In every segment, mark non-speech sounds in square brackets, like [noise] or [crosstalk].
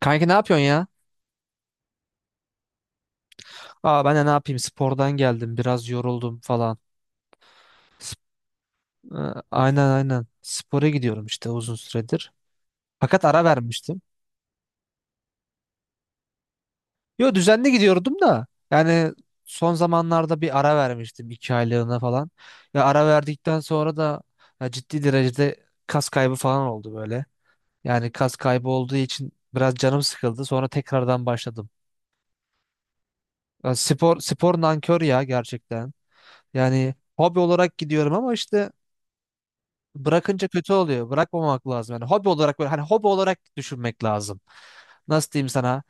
Kanki ne yapıyorsun ya? Ben de ne yapayım, spordan geldim, biraz yoruldum falan. Sp- aynen aynen, spora gidiyorum işte uzun süredir. Fakat ara vermiştim. Yo, düzenli gidiyordum da yani son zamanlarda bir ara vermiştim, iki aylığına falan. Ya, ara verdikten sonra da ya ciddi derecede kas kaybı falan oldu böyle. Yani kas kaybı olduğu için biraz canım sıkıldı, sonra tekrardan başladım. Ya spor nankör ya gerçekten. Yani hobi olarak gidiyorum ama işte bırakınca kötü oluyor. Bırakmamak lazım. Yani hobi olarak böyle, hani hobi olarak düşünmek lazım. Nasıl diyeyim sana?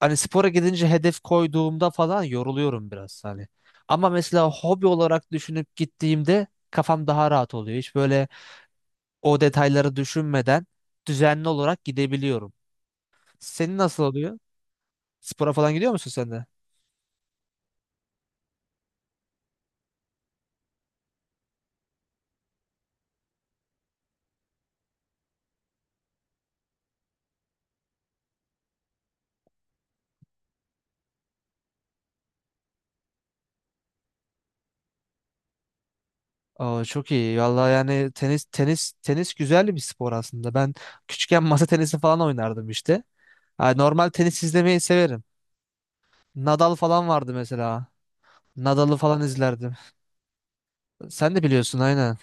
Hani spora gidince, hedef koyduğumda falan yoruluyorum biraz hani. Ama mesela hobi olarak düşünüp gittiğimde kafam daha rahat oluyor. Hiç böyle o detayları düşünmeden düzenli olarak gidebiliyorum. Senin nasıl oluyor? Spora falan gidiyor musun sen de? Aa, çok iyi. Vallahi yani tenis, tenis güzel bir spor aslında. Ben küçükken masa tenisi falan oynardım işte. Ha, normal tenis izlemeyi severim. Nadal falan vardı mesela. Nadal'ı falan izlerdim. Sen de biliyorsun, aynen.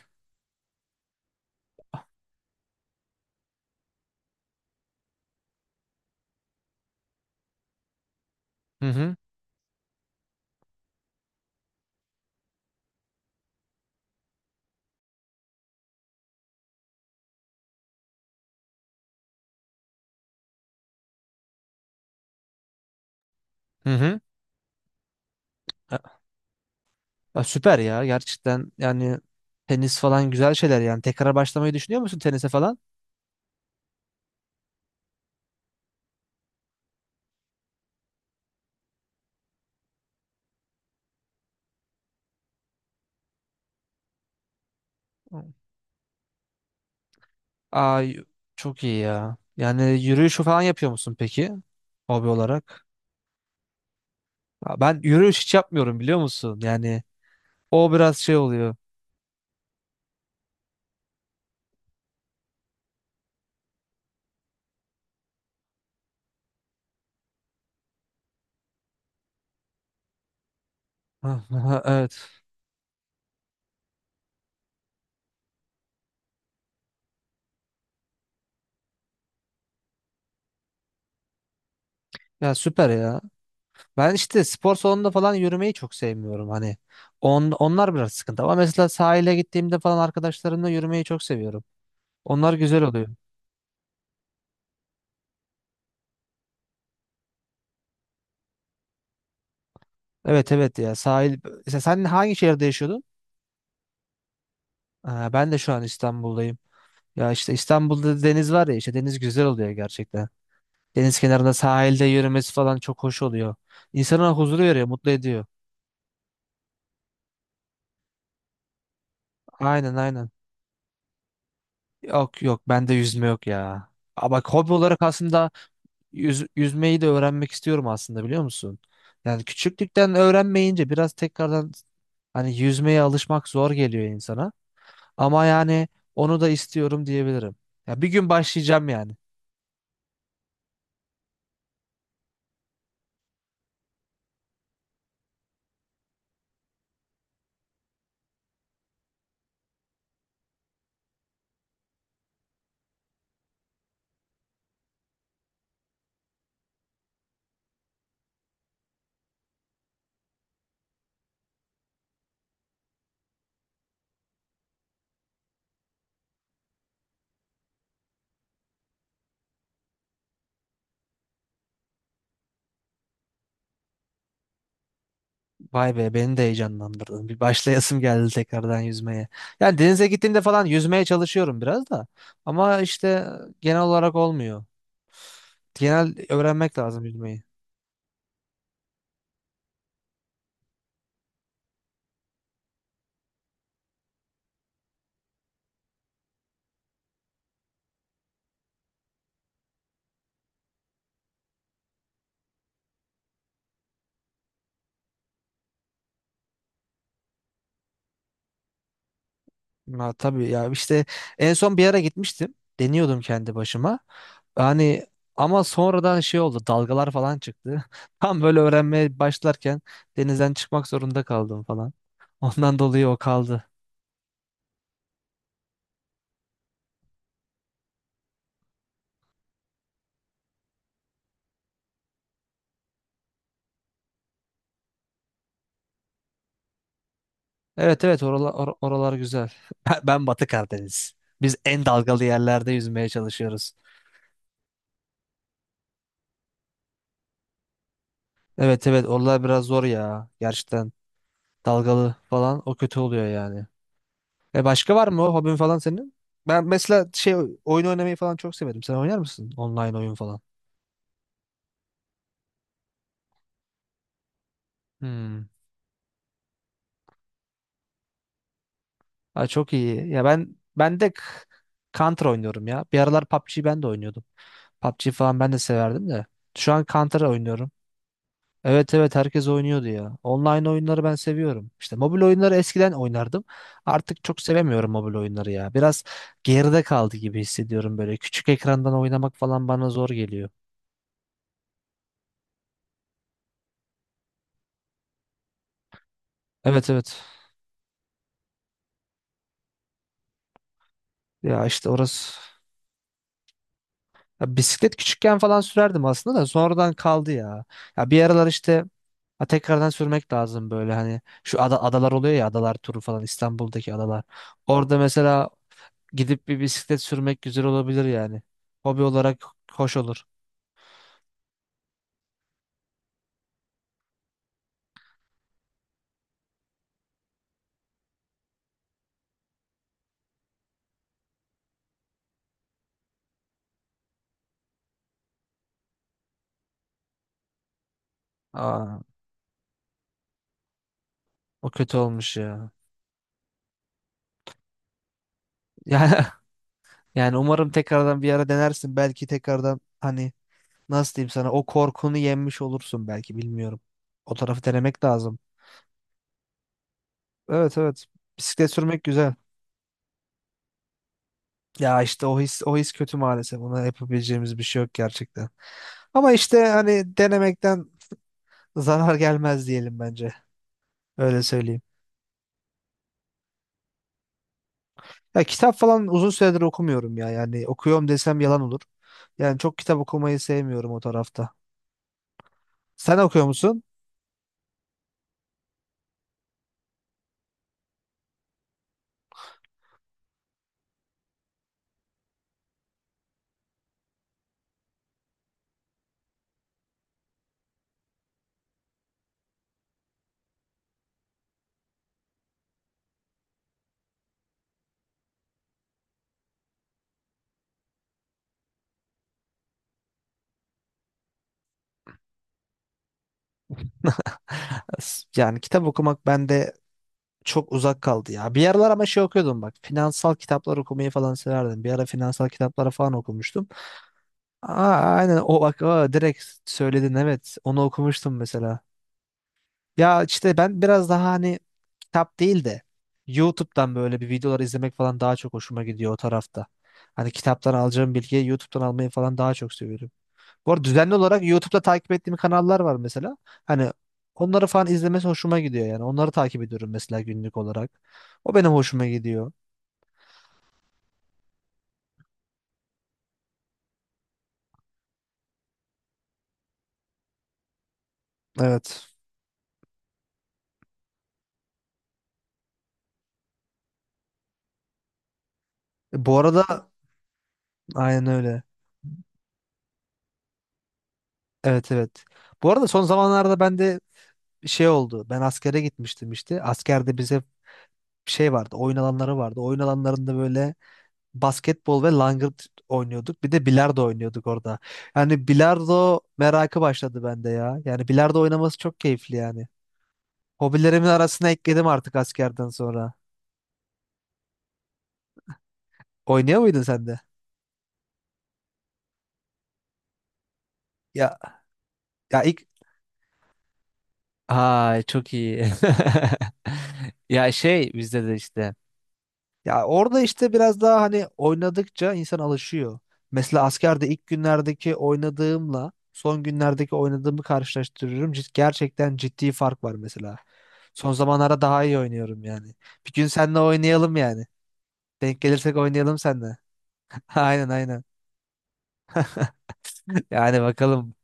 Hı hı. Hı hı. Ha- ha, Süper ya, gerçekten yani tenis falan güzel şeyler yani. Tekrar başlamayı düşünüyor musun tenise falan? Ay çok iyi ya. Yani yürüyüş falan yapıyor musun peki, hobi olarak? Ya ben yürüyüş hiç yapmıyorum, biliyor musun? Yani o biraz şey oluyor. [laughs] Evet. Ya süper ya. Ben işte spor salonunda falan yürümeyi çok sevmiyorum hani. Onlar biraz sıkıntı, ama mesela sahile gittiğimde falan arkadaşlarımla yürümeyi çok seviyorum. Onlar güzel oluyor. Evet evet, ya sahil. Mesela sen hangi şehirde yaşıyordun? Ha, ben de şu an İstanbul'dayım. Ya işte İstanbul'da deniz var ya, işte deniz güzel oluyor gerçekten. Deniz kenarında sahilde yürümesi falan çok hoş oluyor. İnsana huzur veriyor, mutlu ediyor. Aynen aynen. Yok yok, bende yüzme yok ya. Ama bak, hobi olarak aslında yüzmeyi de öğrenmek istiyorum aslında, biliyor musun? Yani küçüklükten öğrenmeyince biraz tekrardan hani yüzmeye alışmak zor geliyor insana. Ama yani onu da istiyorum diyebilirim. Ya bir gün başlayacağım yani. Vay be, beni de heyecanlandırdın. Bir başlayasım geldi tekrardan yüzmeye. Yani denize gittiğimde falan yüzmeye çalışıyorum biraz da. Ama işte genel olarak olmuyor. Genel öğrenmek lazım yüzmeyi. Ha, tabii ya, işte en son bir ara gitmiştim. Deniyordum kendi başıma. Yani ama sonradan şey oldu, dalgalar falan çıktı. [laughs] Tam böyle öğrenmeye başlarken denizden çıkmak zorunda kaldım falan. Ondan dolayı o kaldı. Evet evet, oralar güzel. [laughs] Ben Batı Karadeniz. Biz en dalgalı yerlerde yüzmeye çalışıyoruz. Evet evet, oralar biraz zor ya gerçekten. Dalgalı falan, o kötü oluyor yani. E, başka var mı o hobin falan senin? Ben mesela şey, oyun oynamayı falan çok severim. Sen oynar mısın online oyun falan? Hmm. Aa, çok iyi. Ya ben de Counter oynuyorum ya. Bir aralar PUBG ben de oynuyordum. PUBG falan ben de severdim de. Şu an Counter oynuyorum. Evet evet, herkes oynuyordu ya. Online oyunları ben seviyorum. İşte mobil oyunları eskiden oynardım. Artık çok sevemiyorum mobil oyunları ya. Biraz geride kaldı gibi hissediyorum böyle. Küçük ekrandan oynamak falan bana zor geliyor. Evet evet. Ya işte orası. Ya bisiklet küçükken falan sürerdim aslında da sonradan kaldı ya. Ya bir aralar işte, ha, tekrardan sürmek lazım böyle, hani şu adalar oluyor ya, adalar turu falan, İstanbul'daki adalar. Orada mesela gidip bir bisiklet sürmek güzel olabilir yani. Hobi olarak hoş olur. Aa, o kötü olmuş ya. Yani, [laughs] yani umarım tekrardan bir ara denersin. Belki tekrardan, hani nasıl diyeyim sana, o korkunu yenmiş olursun belki, bilmiyorum. O tarafı denemek lazım. Evet evet. Bisiklet sürmek güzel. Ya işte o his kötü maalesef. Ona yapabileceğimiz bir şey yok gerçekten. Ama işte hani denemekten zarar gelmez diyelim bence. Öyle söyleyeyim. Ya kitap falan uzun süredir okumuyorum ya. Yani okuyorum desem yalan olur. Yani çok kitap okumayı sevmiyorum o tarafta. Sen okuyor musun? [laughs] Yani kitap okumak bende çok uzak kaldı ya. Bir aralar ama şey okuyordum bak. Finansal kitaplar okumayı falan severdim. Bir ara finansal kitapları falan okumuştum. Aa, aynen, o bak, aa, direkt söyledin, evet. Onu okumuştum mesela. Ya işte ben biraz daha hani kitap değil de YouTube'dan böyle bir videolar izlemek falan daha çok hoşuma gidiyor o tarafta. Hani kitaptan alacağım bilgiyi YouTube'dan almayı falan daha çok seviyorum. Bu arada düzenli olarak YouTube'da takip ettiğim kanallar var mesela. Hani onları falan izlemesi hoşuma gidiyor yani. Onları takip ediyorum mesela günlük olarak. O benim hoşuma gidiyor. Evet. E, bu arada aynen öyle. Evet evet. Bu arada son zamanlarda ben de şey oldu. Ben askere gitmiştim işte. Askerde bize şey vardı, oyun alanları vardı. Oyun alanlarında böyle basketbol ve langırt oynuyorduk. Bir de bilardo oynuyorduk orada. Yani bilardo merakı başladı bende ya. Yani bilardo oynaması çok keyifli yani. Hobilerimin arasına ekledim artık askerden sonra. Oynuyor muydun sen de? Ya ya ilk Ay çok iyi. [laughs] Ya şey, bizde de işte. Ya orada işte biraz daha hani oynadıkça insan alışıyor. Mesela askerde ilk günlerdeki oynadığımla son günlerdeki oynadığımı karşılaştırıyorum. Gerçekten ciddi fark var mesela. Son zamanlarda daha iyi oynuyorum yani. Bir gün seninle oynayalım yani. Denk gelirsek oynayalım seninle. [laughs] Aynen aynen. Yani bakalım.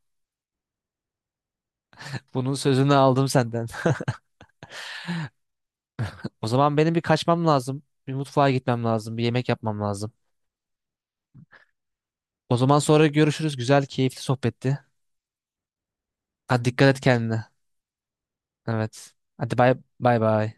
Bunun sözünü aldım senden. [laughs] O zaman benim bir kaçmam lazım. Bir mutfağa gitmem lazım. Bir yemek yapmam lazım. O zaman sonra görüşürüz. Güzel, keyifli sohbetti. Hadi, dikkat et kendine. Evet. Hadi bay bay bay.